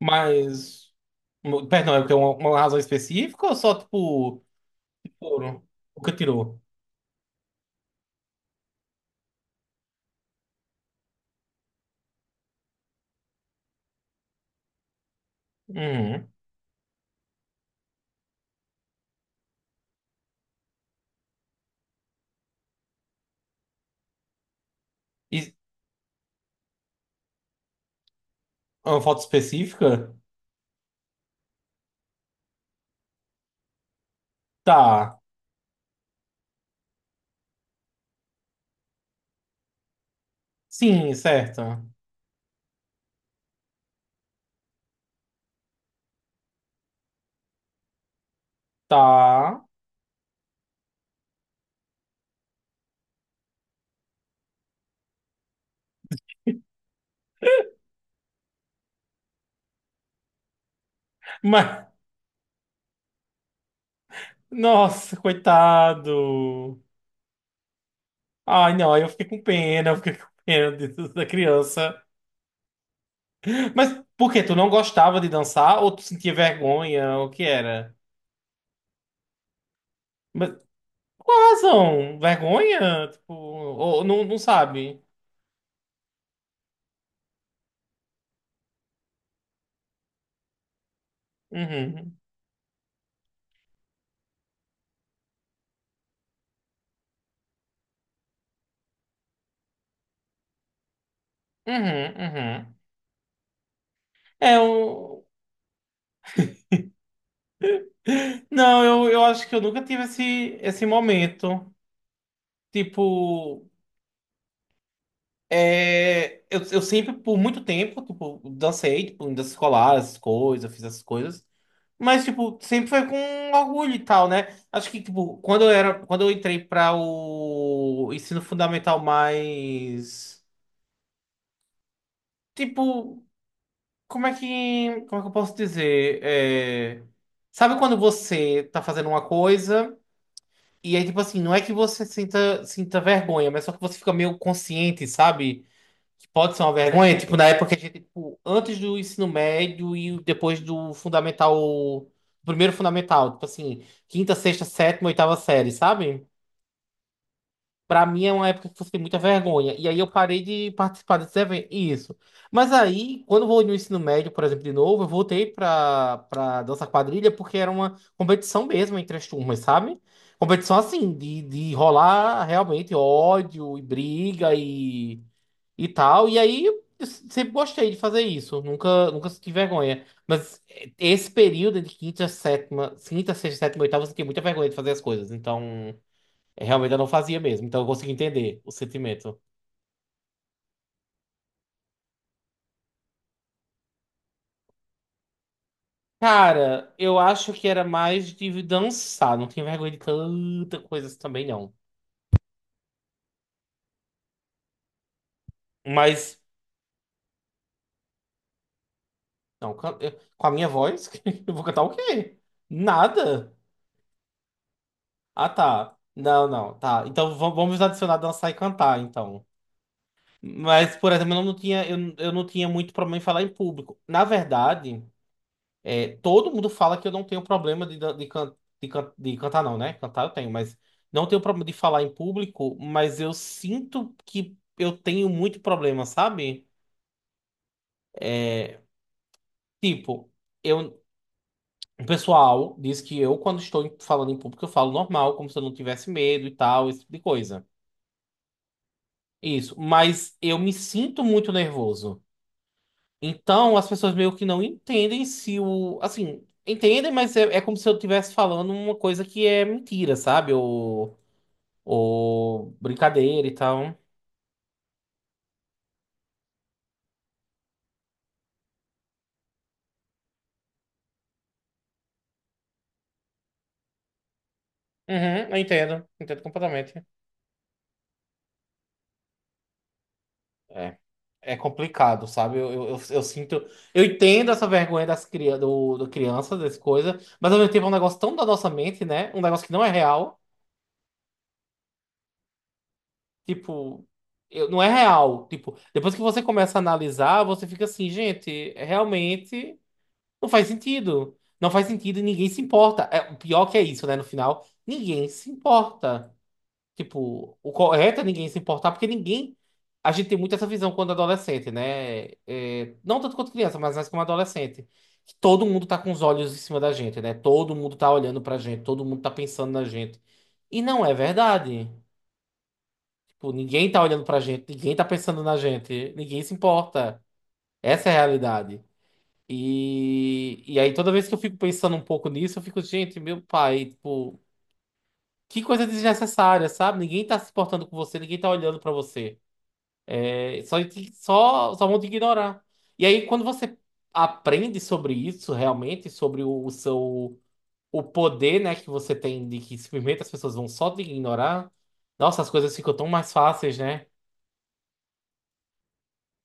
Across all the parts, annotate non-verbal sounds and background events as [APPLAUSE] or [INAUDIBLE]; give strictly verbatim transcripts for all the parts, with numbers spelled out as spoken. Mas. mo- Perdão, é porque tem uma, uma razão específica ou só tipo. Foram. O que tirou. Uhum. E uma foto específica? Tá. Sim, certa. Tá. Mas. Nossa, coitado. Ai, não, aí eu fiquei com pena, eu fiquei com pena disso, da criança. Mas por quê? Tu não gostava de dançar ou tu sentia vergonha? O que era? Mas qual a razão? Vergonha? Tipo, ou não, não sabe? Uhum. Uhum, uhum. É, eu... Não, eu, eu acho que eu nunca tive esse, esse momento. Tipo, é... eu, eu sempre, por muito tempo, tipo, dancei, tipo, em dança escolar, essas coisas, fiz essas coisas. Mas, tipo, sempre foi com orgulho e tal, né? Acho que, tipo, quando eu era, quando eu entrei para o ensino fundamental mais... Tipo, como é que, como é que eu posso dizer? É... Sabe quando você tá fazendo uma coisa... E aí, tipo assim, não é que você sinta, sinta vergonha, mas só que você fica meio consciente, sabe? Que pode ser uma vergonha. Tipo, na época que a gente, tipo, antes do ensino médio e depois do fundamental, primeiro fundamental, tipo assim, quinta, sexta, sétima, oitava série, sabe? Pra mim é uma época que você tem muita vergonha. E aí eu parei de participar desses eventos. Isso. Mas aí, quando eu vou no ensino médio, por exemplo, de novo, eu voltei pra, pra dança quadrilha porque era uma competição mesmo entre as turmas, sabe? Competição assim, de, de rolar realmente ódio e briga e, e tal. E aí eu sempre gostei de fazer isso. Nunca, nunca senti vergonha. Mas eh, esse período de quinta, sétima, quinta, sexta, sétima, oitava, eu senti muita vergonha de fazer as coisas. Então. Realmente eu não fazia mesmo, então eu consigo entender o sentimento. Cara, eu acho que era mais de dançar, não tinha vergonha de tanta coisa assim também, não. Mas, não, com a com a minha voz, [LAUGHS] eu vou cantar o quê? Nada. Ah, tá. Não, não, tá. Então va- vamos adicionar dançar e cantar, então. Mas, por exemplo, eu não tinha, eu, eu não tinha muito problema em falar em público. Na verdade. É, todo mundo fala que eu não tenho problema de, dan- de, can- de, can- de cantar, não, né? Cantar eu tenho, mas não tenho problema de falar em público, mas eu sinto que eu tenho muito problema, sabe? É, tipo, eu, o pessoal diz que eu, quando estou em- falando em público, eu falo normal, como se eu não tivesse medo e tal, esse tipo de coisa. Isso, mas eu me sinto muito nervoso. Então, as pessoas meio que não entendem se o. Assim, entendem, mas é, é como se eu estivesse falando uma coisa que é mentira, sabe? Ou ou brincadeira e tal. Uhum, eu entendo, entendo completamente. É, é complicado, sabe? Eu, eu, eu, eu sinto. Eu entendo essa vergonha das cria, do, do crianças, dessas coisas, mas ao mesmo tempo é um negócio tão da nossa mente, né? Um negócio que não é real. Tipo, eu, não é real. Tipo, depois que você começa a analisar, você fica assim, gente, é, realmente não faz sentido. Não faz sentido e ninguém se importa. É, o pior que é isso, né? No final, ninguém se importa. Tipo, o correto é ninguém se importar, porque ninguém. A gente tem muito essa visão quando adolescente, né? É, não tanto quanto criança, mas mais como adolescente. Que todo mundo tá com os olhos em cima da gente, né? Todo mundo tá olhando pra gente, todo mundo tá pensando na gente. E não é verdade. Tipo, ninguém tá olhando pra gente, ninguém tá pensando na gente, ninguém se importa. Essa é a realidade. E, e aí, toda vez que eu fico pensando um pouco nisso, eu fico, gente, meu pai, tipo, que coisa desnecessária, sabe? Ninguém tá se importando com você, ninguém tá olhando pra você. É, só, que- só, só vão te ignorar. E aí, quando você aprende sobre isso, realmente, sobre o, o seu o poder, né, que você tem de que simplesmente as pessoas vão só te ignorar, nossa, as coisas ficam tão mais fáceis, né?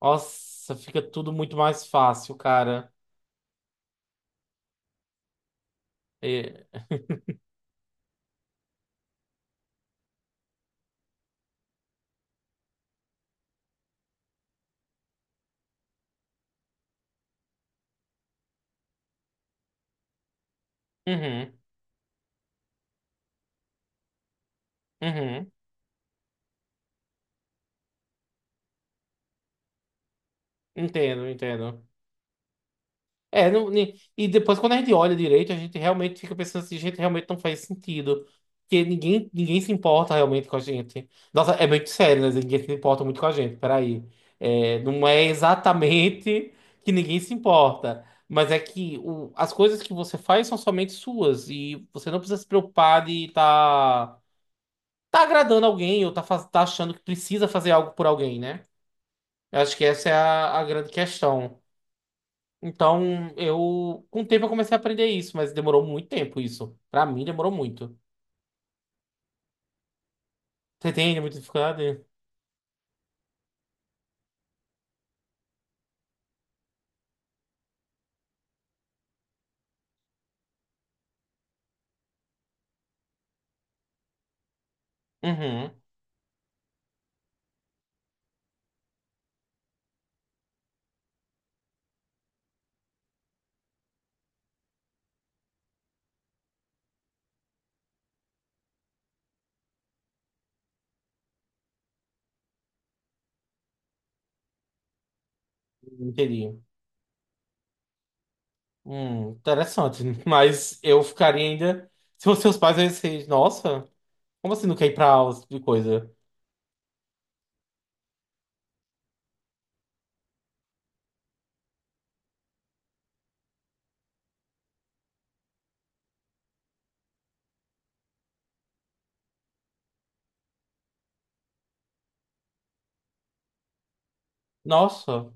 Nossa, fica tudo muito mais fácil, cara. É, uhum, uhum, entendo, entendo. É, não- ni- e depois quando a gente olha direito, a gente realmente fica pensando assim, gente, realmente não faz sentido. Porque ninguém, ninguém se importa realmente com a gente. Nossa, é muito sério, né? Ninguém se importa muito com a gente, peraí. É, não é exatamente [LAUGHS] que ninguém se importa, mas é que o- as coisas que você faz são somente suas e você não precisa se preocupar de estar tá agradando alguém ou tá, faz- tá achando que precisa fazer algo por alguém, né? Eu acho que essa é a a grande questão. Então, eu, com o tempo eu comecei a aprender isso, mas demorou muito tempo isso. Pra mim, demorou muito. Você tem muita dificuldade? Uhum, entendi. Hum, interessante. [LAUGHS] Mas eu ficaria ainda. Se fossem seus pais, eu ia ser, nossa, como assim não quer ir pra aula, esse tipo de coisa? Nossa,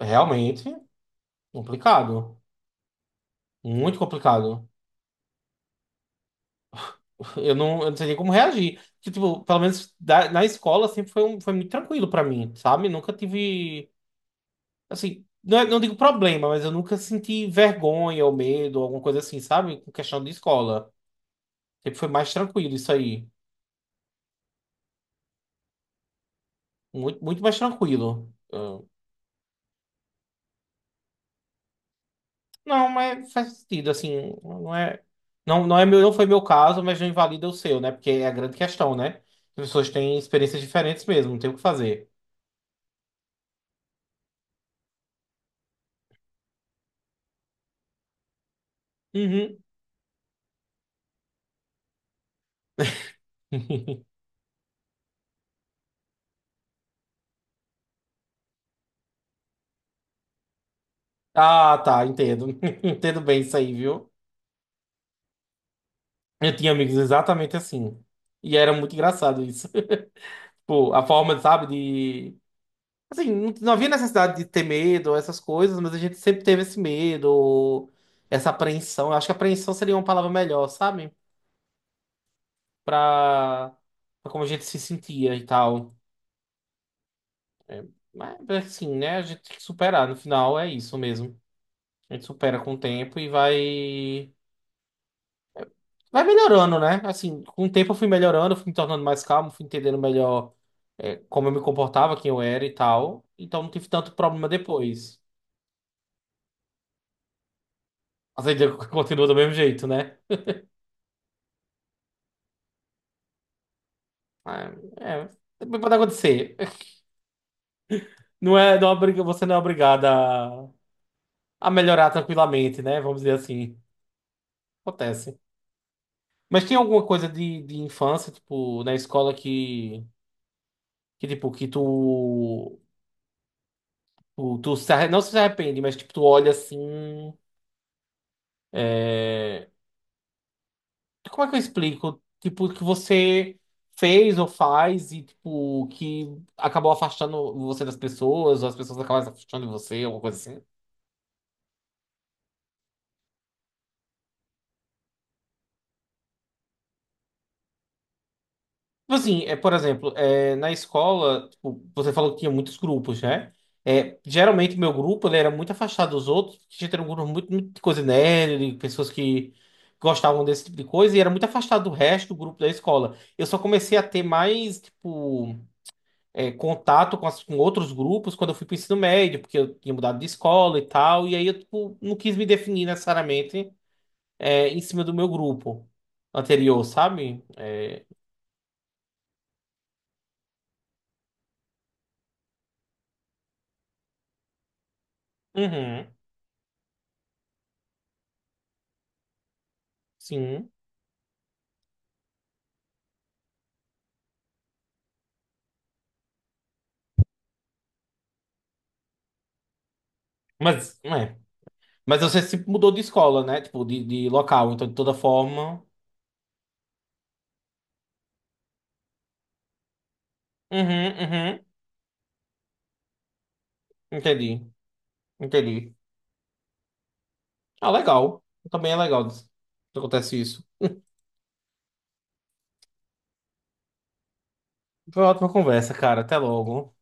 realmente complicado. Muito complicado. [LAUGHS] Eu não, eu não sei nem como reagir. Que, tipo, pelo menos da- na escola sempre foi, um, foi muito tranquilo pra mim, sabe? Nunca tive. Assim, não, é- não digo problema, mas eu nunca senti vergonha ou medo, alguma coisa assim, sabe? Com questão de escola. Sempre foi mais tranquilo isso aí. Muito, muito mais tranquilo. Ah, não, mas faz sentido, assim, não é. Não, não é meu, não foi meu caso, mas não invalida o seu, né? Porque é a grande questão, né? As pessoas têm experiências diferentes mesmo, não tem o que fazer. Uhum. [LAUGHS] Ah, tá, entendo. [LAUGHS] Entendo bem isso aí, viu? Eu tinha amigos exatamente assim. E era muito engraçado isso. [LAUGHS] Tipo, a forma, sabe, de assim, não, não havia necessidade de ter medo, essas coisas, mas a gente sempre teve esse medo, essa apreensão. Eu acho que apreensão seria uma palavra melhor, sabe? Pra, pra como a gente se sentia e tal. Mas, assim, né? A gente tem que superar. No final, é isso mesmo. A gente supera com o tempo e vai. Vai melhorando, né? Assim, com o tempo eu fui melhorando, fui me tornando mais calmo, fui entendendo melhor, é, como eu me comportava, quem eu era e tal. Então não tive tanto problema depois. Mas ainda [LAUGHS] continua do mesmo jeito, né? É, é, pode acontecer. Não é, não é obriga- você não é obrigada a, a melhorar tranquilamente, né? Vamos dizer assim. Acontece. Mas tem alguma coisa de, de infância, tipo, na escola que, que tipo, que tu, tu, tu se arre- não se arrepende, mas tipo, tu olha assim. É, Como é que eu explico? Tipo, que você fez ou faz e, tipo, que acabou afastando você das pessoas, ou as pessoas acabaram se afastando de você, alguma coisa assim. Tipo assim, é, por exemplo, é, na escola, tipo, você falou que tinha muitos grupos, né? É, geralmente, meu grupo ele era muito afastado dos outros, porque a gente era um grupo muito, muito de coisa nerd, de pessoas que gostavam desse tipo de coisa, e era muito afastado do resto do grupo da escola. Eu só comecei a ter mais, tipo, é, contato com, as- com outros grupos quando eu fui pro ensino médio, porque eu tinha mudado de escola e tal, e aí eu, tipo, não quis me definir necessariamente, é, em cima do meu grupo anterior, sabe? Uhum, sim. Mas, é. Mas você se mudou de escola, né? Tipo, de, de local. Então, de toda forma. Uhum, uhum. Entendi. Entendi. Ah, legal. Também é legal que acontece isso. Foi uma ótima conversa, cara. Até logo.